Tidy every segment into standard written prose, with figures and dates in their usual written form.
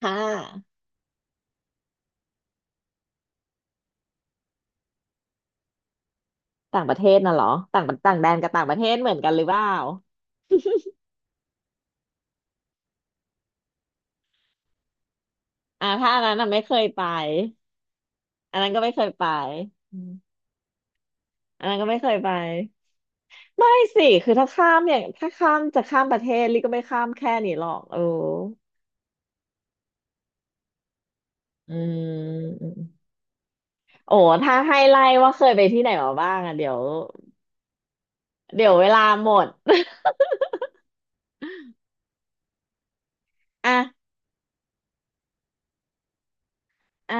ค่ะต่างประเทศน่ะเหรอต่างแดนกับต่างประเทศเหมือนกันหรือเปล่าถ้าอันนั้นน่ะไม่เคยไปอันนั้นก็ไม่เคยไปอมอันนั้นก็ไม่เคยไปไม่สิคือถ้าข้ามอย่างถ้าข้ามจะข้ามประเทศลิก็ไม่ข้ามแค่นี้หรอกเอออืมอืมโอ้ถ้าให้ไล่ว่าเคยไปที่ไหนมาบ้างอ่ะเดี๋ยวเวลาหมด อ่ะอ่ะ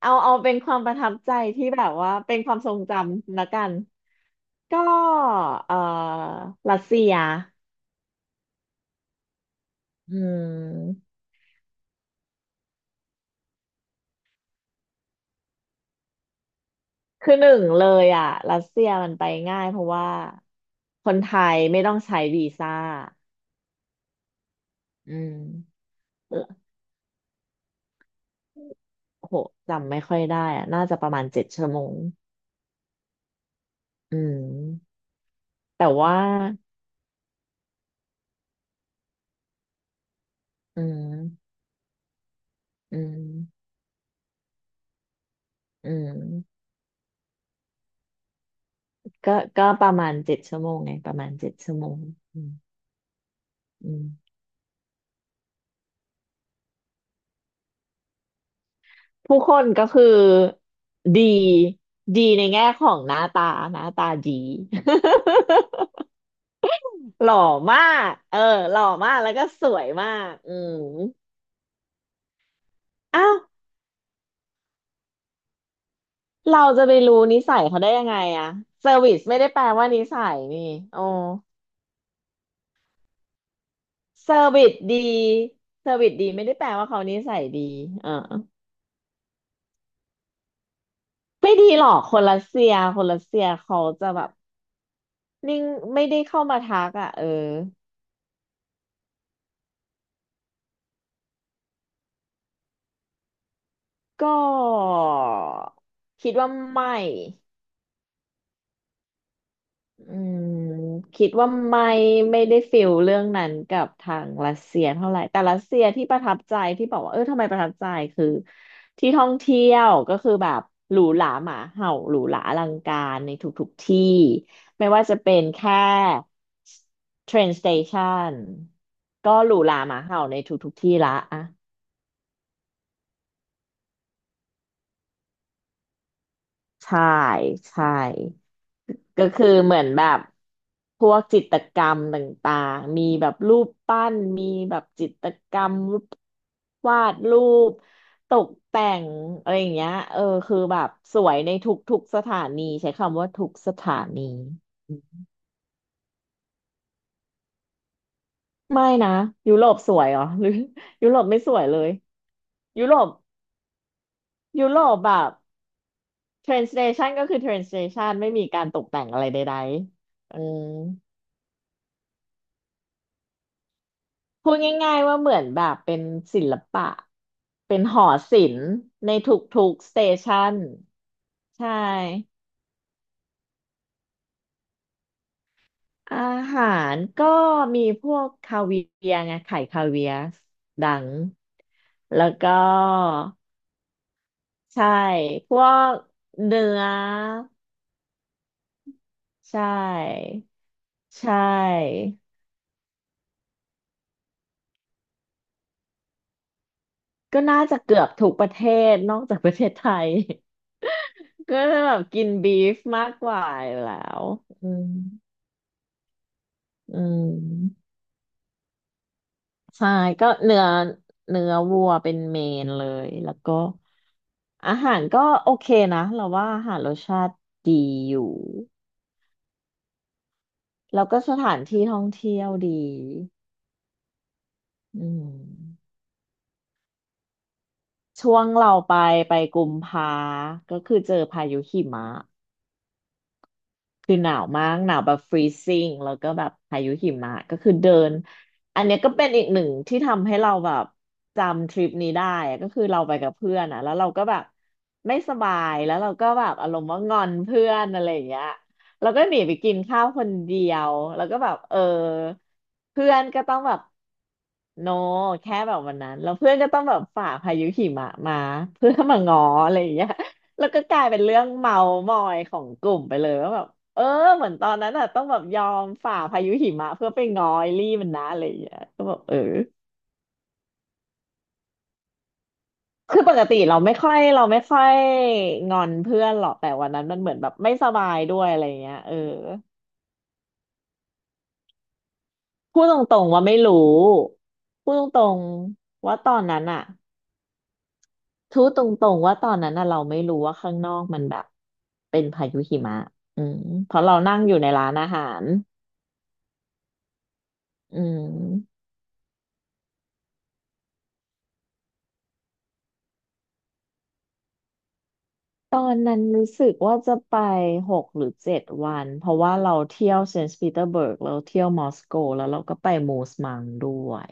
เอาเป็นความประทับใจที่แบบว่าเป็นความทรงจำละกันก็เอ่อรัสเซีย อืมคือหนึ่งเลยอ่ะรัสเซียมันไปง่ายเพราะว่าคนไทยไม่ต้องใช้วีซ่าอืมเออโหจำไม่ค่อยได้อ่ะน่าจะประมาณเจ็ดชั่วโมงอืมแต่ว่าอืมอืมอืมก็ประมาณเจ็ดชั่วโมงไงประมาณเจ็ดชั่วโมงอืมอืมผู้คนก็คือดีดีในแง่ของหน้าตาดี หล่อมากหล่อมาก แล้วก็สวยมากอ้าวเราจะไปรู้นิสัยเขาได้ยังไงอะเซอร์วิสไม่ได้แปลว่านิสัยนี่โอ้เซอร์วิสดีเซอร์วิสดีไม่ได้แปลว่าเขานิสัยดีอ่าไม่ดีหรอกคนรัสเซียเขาจะแบบนิ่งไม่ได้เข้ามาทักอะเออก็คิดว่าไม่ อืมคิดว่าไม่ไม่ได้ฟิลเรื่องนั้นกับทางรัสเซียเท่าไหร่แต่รัสเซียที่ประทับใจที่บอกว่าเออทำไมประทับใจคือที่ท่องเที่ยวก็คือแบบหรูหราหมาเห่าหรูหราอลังการในทุกๆที่ไม่ว่าจะเป็นแค่เทรนสเตชันก็หรูหราหมาเห่าในทุกๆที่ละอ่ะใช่ใช่ ก็คือเหมือนแบบพวกจิตรกรรมต่างๆมีแบบรูปปั้นมีแบบจิตรกรรมรูปวาดรูปตกแต่งอะไรอย่างเงี้ยเออคือแบบสวยในทุกๆสถานีใช้คำว่าทุกสถานีอืมไม่นะยุโรปสวยเหรอหรือยุโรปไม่สวยเลยยุโรปยุโรปแบบ train station ก็คือ train station ไม่มีการตกแต่งอะไรใดๆอืม พูดง่ายๆว่าเหมือนแบบเป็นศิลปะเป็นหอศิลป์ในทุกๆสเตชันใช่อาหารก็มีพวกคาเวียร์ไงไข่คาเวียร์ดังแล้วก็ใช่พวกเนื้อใช่ใช่ก็น่าจะเกือบทุกประเทศนอกจากประเทศไทย ก็จะแบบกินบีฟมากกว่าอยู่แล้วอืมอืม ใช่ก็เนื้อวัวเป็นเมนเลยแล้วก็อาหารก็โอเคนะเราว่าอาหารรสชาติดีอยู่แล้วก็สถานที่ท่องเที่ยวดีอืมช่วงเราไปไปกุมภาก็คือเจอพายุหิมะ คือหนาวมากหนาวแบบฟรีซิ่งแล้วก็แบบพายุหิมะก็คือเดินอันเนี้ยก็เป็นอีกหนึ่งที่ทำให้เราแบบจำทริปนี้ได้อะก็คือเราไปกับเพื่อนอ่ะแล้วเราก็แบบไม่สบายแล้วเราก็แบบอารมณ์ว่างอนเพื่อนอะไรอย่างเงี้ยเราก็หนีไปกินข้าวคนเดียวแล้วก็แบบเออเพื่อนก็ต้องแบบโนแค่แบบวันนั้นแล้วเพื่อนก็ต้องแบบฝ่าพายุหิมะมาเพื่อมาง้ออะไรอย่างเงี้ยแล้วก็กลายเป็นเรื่องเมามอยของกลุ่มไปเลยว่าแบบ เออเหมือนตอนนั้นอ่ะต้องแบบยอมฝ่าพายุหิมะเพื่อไปง้อไอลี่มันนะอะไรอย่างเงี้ยก็แบบเออคือปกติเราไม่ค่อยงอนเพื่อนหรอกแต่วันนั้นมันเหมือนแบบไม่สบายด้วยอะไรเงี้ยเออพูดตรงๆว่าไม่รู้พูดตรงๆว่าตอนนั้นอ่ะพูดตรงๆว่าตอนนั้นอ่ะเราไม่รู้ว่าข้างนอกมันแบบเป็นพายุหิมะอืมเพราะเรานั่งอยู่ในร้านอาหารอืม ตอนนั้นรู้สึกว่าจะไป6 หรือ 7 วันเพราะว่าเราเที่ยวเซนต์ปีเตอร์เบิร์กเราเที่ยวมอสโกแล้วเราก็ไปมูสมังด้วย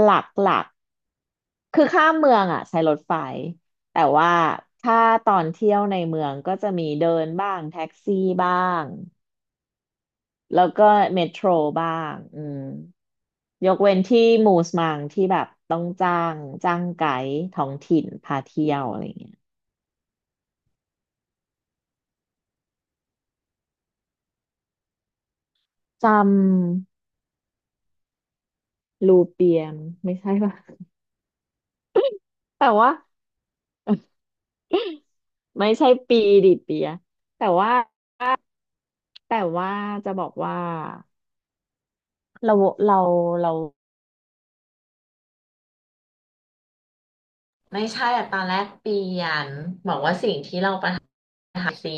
หลักๆคือข้ามเมืองอ่ะใช้รถไฟแต่ว่าถ้าตอนเที่ยวในเมืองก็จะมีเดินบ้างแท็กซี่บ้างแล้วก็เมโทรบ้างอืมยกเว้นที่มูสมังที่แบบต้องจ้างไกด์ท้องถิ่นพาเที่ยวอะไรเงี้ยจำลูเปียมไม่ใช่ป่ะ แต่ว่าไม่ใช่ปีดิเปียแต่ว่าแต่ว่าจะบอกว่าเราเราเราไม่ใช่อะตอนแรกเปลี่ยนบอกว่าสิ่งที่เราประทับใจซี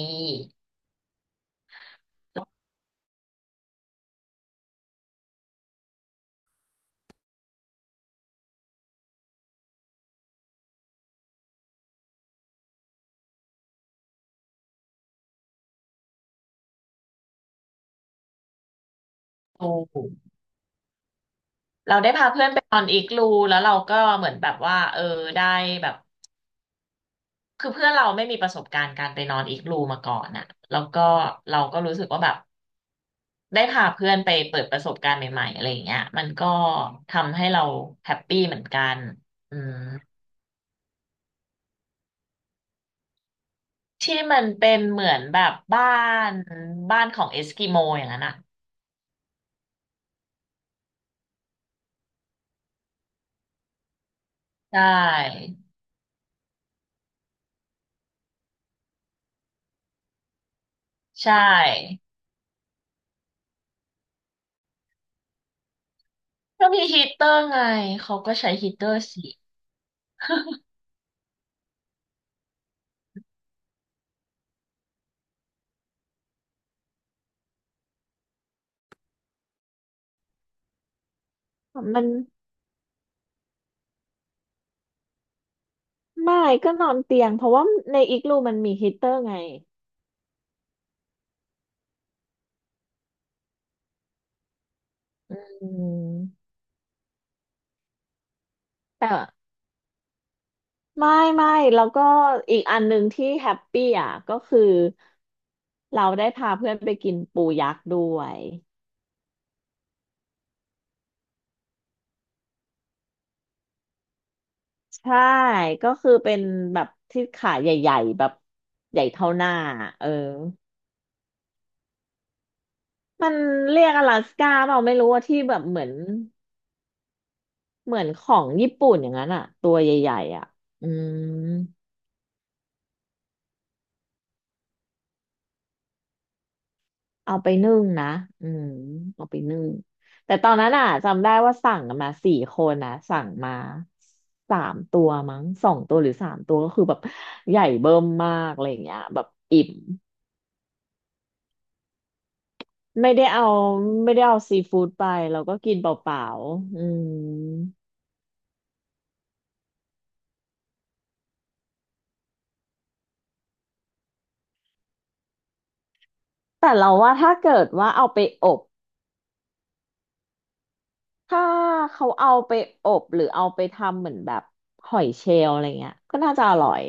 รูเราได้พาเพื่อนไปนอนอีกรูแล้วเราก็เหมือนแบบว่าเออได้แบบคือเพื่อนเราไม่มีประสบการณ์การไปนอนอีกรูมาก่อนน่ะแล้วก็เราก็รู้สึกว่าแบบได้พาเพื่อนไปเปิดประสบการณ์ใหม่ๆอะไรอย่างเงี้ยมันก็ทำให้เราแฮปปี้เหมือนกันอืม ที่มันเป็นเหมือนแบบบ้านของเอสกิโมอย่างนั้นอ่ะใช่ใช่ก็มีฮีตเตอร์ไงเขาก็ใช้ฮีตเตอร์สิมันไม่ก็นอนเตียงเพราะว่าในอีกรูมันมีฮีตเตอร์ไงอืมแต่ไม่ไม่แล้วก็อีกอันหนึ่งที่แฮปปี้อ่ะก็คือเราได้พาเพื่อนไปกินปูยักษ์ด้วยใช่ก็คือเป็นแบบที่ขาใหญ่ๆแบบใหญ่เท่าหน้าอะเออ มันเรียกอลาสก้าเปล่าไม่รู้ว่าที่แบบเหมือนเหมือนของญี่ปุ่นอย่างนั้นอะตัวใหญ่ๆอะอืมเอาไปนึ่งนะอืมเอาไปนึ่งแต่ตอนนั้นอ่ะจำได้ว่าสั่งกันมาสี่คนนะสั่งมาสามตัวมั้งสองตัวหรือสามตัวก็คือแบบใหญ่เบิ่มมากอะไรอย่างเงี้ยแบบอิ่มไม่ได้เอาไม่ได้เอาซีฟู้ดไปเราก็กินเปล่าๆอืมแต่เราว่าถ้าเกิดว่าเอาไปอบ ถ้าเขาเอาไปอบหรือเอาไปทำเหมือนแบบหอยเชลล์อะไรเงี้ยก็น่าจะอร่อย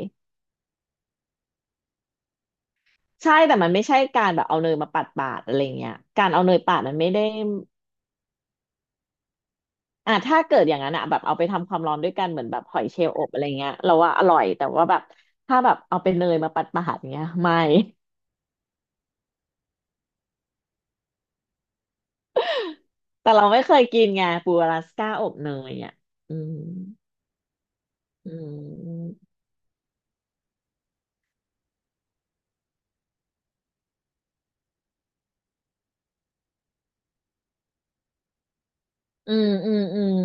ใช่แต่มันไม่ใช่การแบบเอาเนยมาปาดปาดอะไรเงี้ยการเอาเนยปาดมันไม่ได้อ่ะถ้าเกิดอย่างนั้นอะแบบเอาไปทำความร้อนด้วยกันเหมือนแบบหอยเชลล์อบอะไรเงี้ยเราว่าอร่อยแต่ว่าแบบถ้าแบบเอาไปเนยมาปาดปาดเงี้ยไม่ แต่เราไม่เคยกินไงปูอลาสก้าอบเนยอ่ะอืมอืมอืมอืมอืม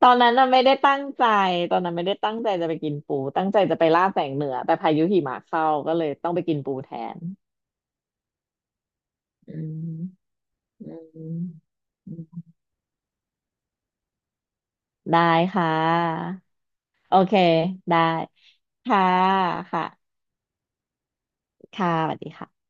ตอนนั้นน่ะไม่ได้ตั้งใจตอนนั้นไม่ได้ตั้งใจจะไปกินปูตั้งใจจะไปล่าแสงเหนือแต่พายุหิมะเข้าก็เลยต้องไปกินปูแทนอืมอืมอืมได้ค่ะโอเคได้ค่ะค่ะค่ะสวัสดีค่ะ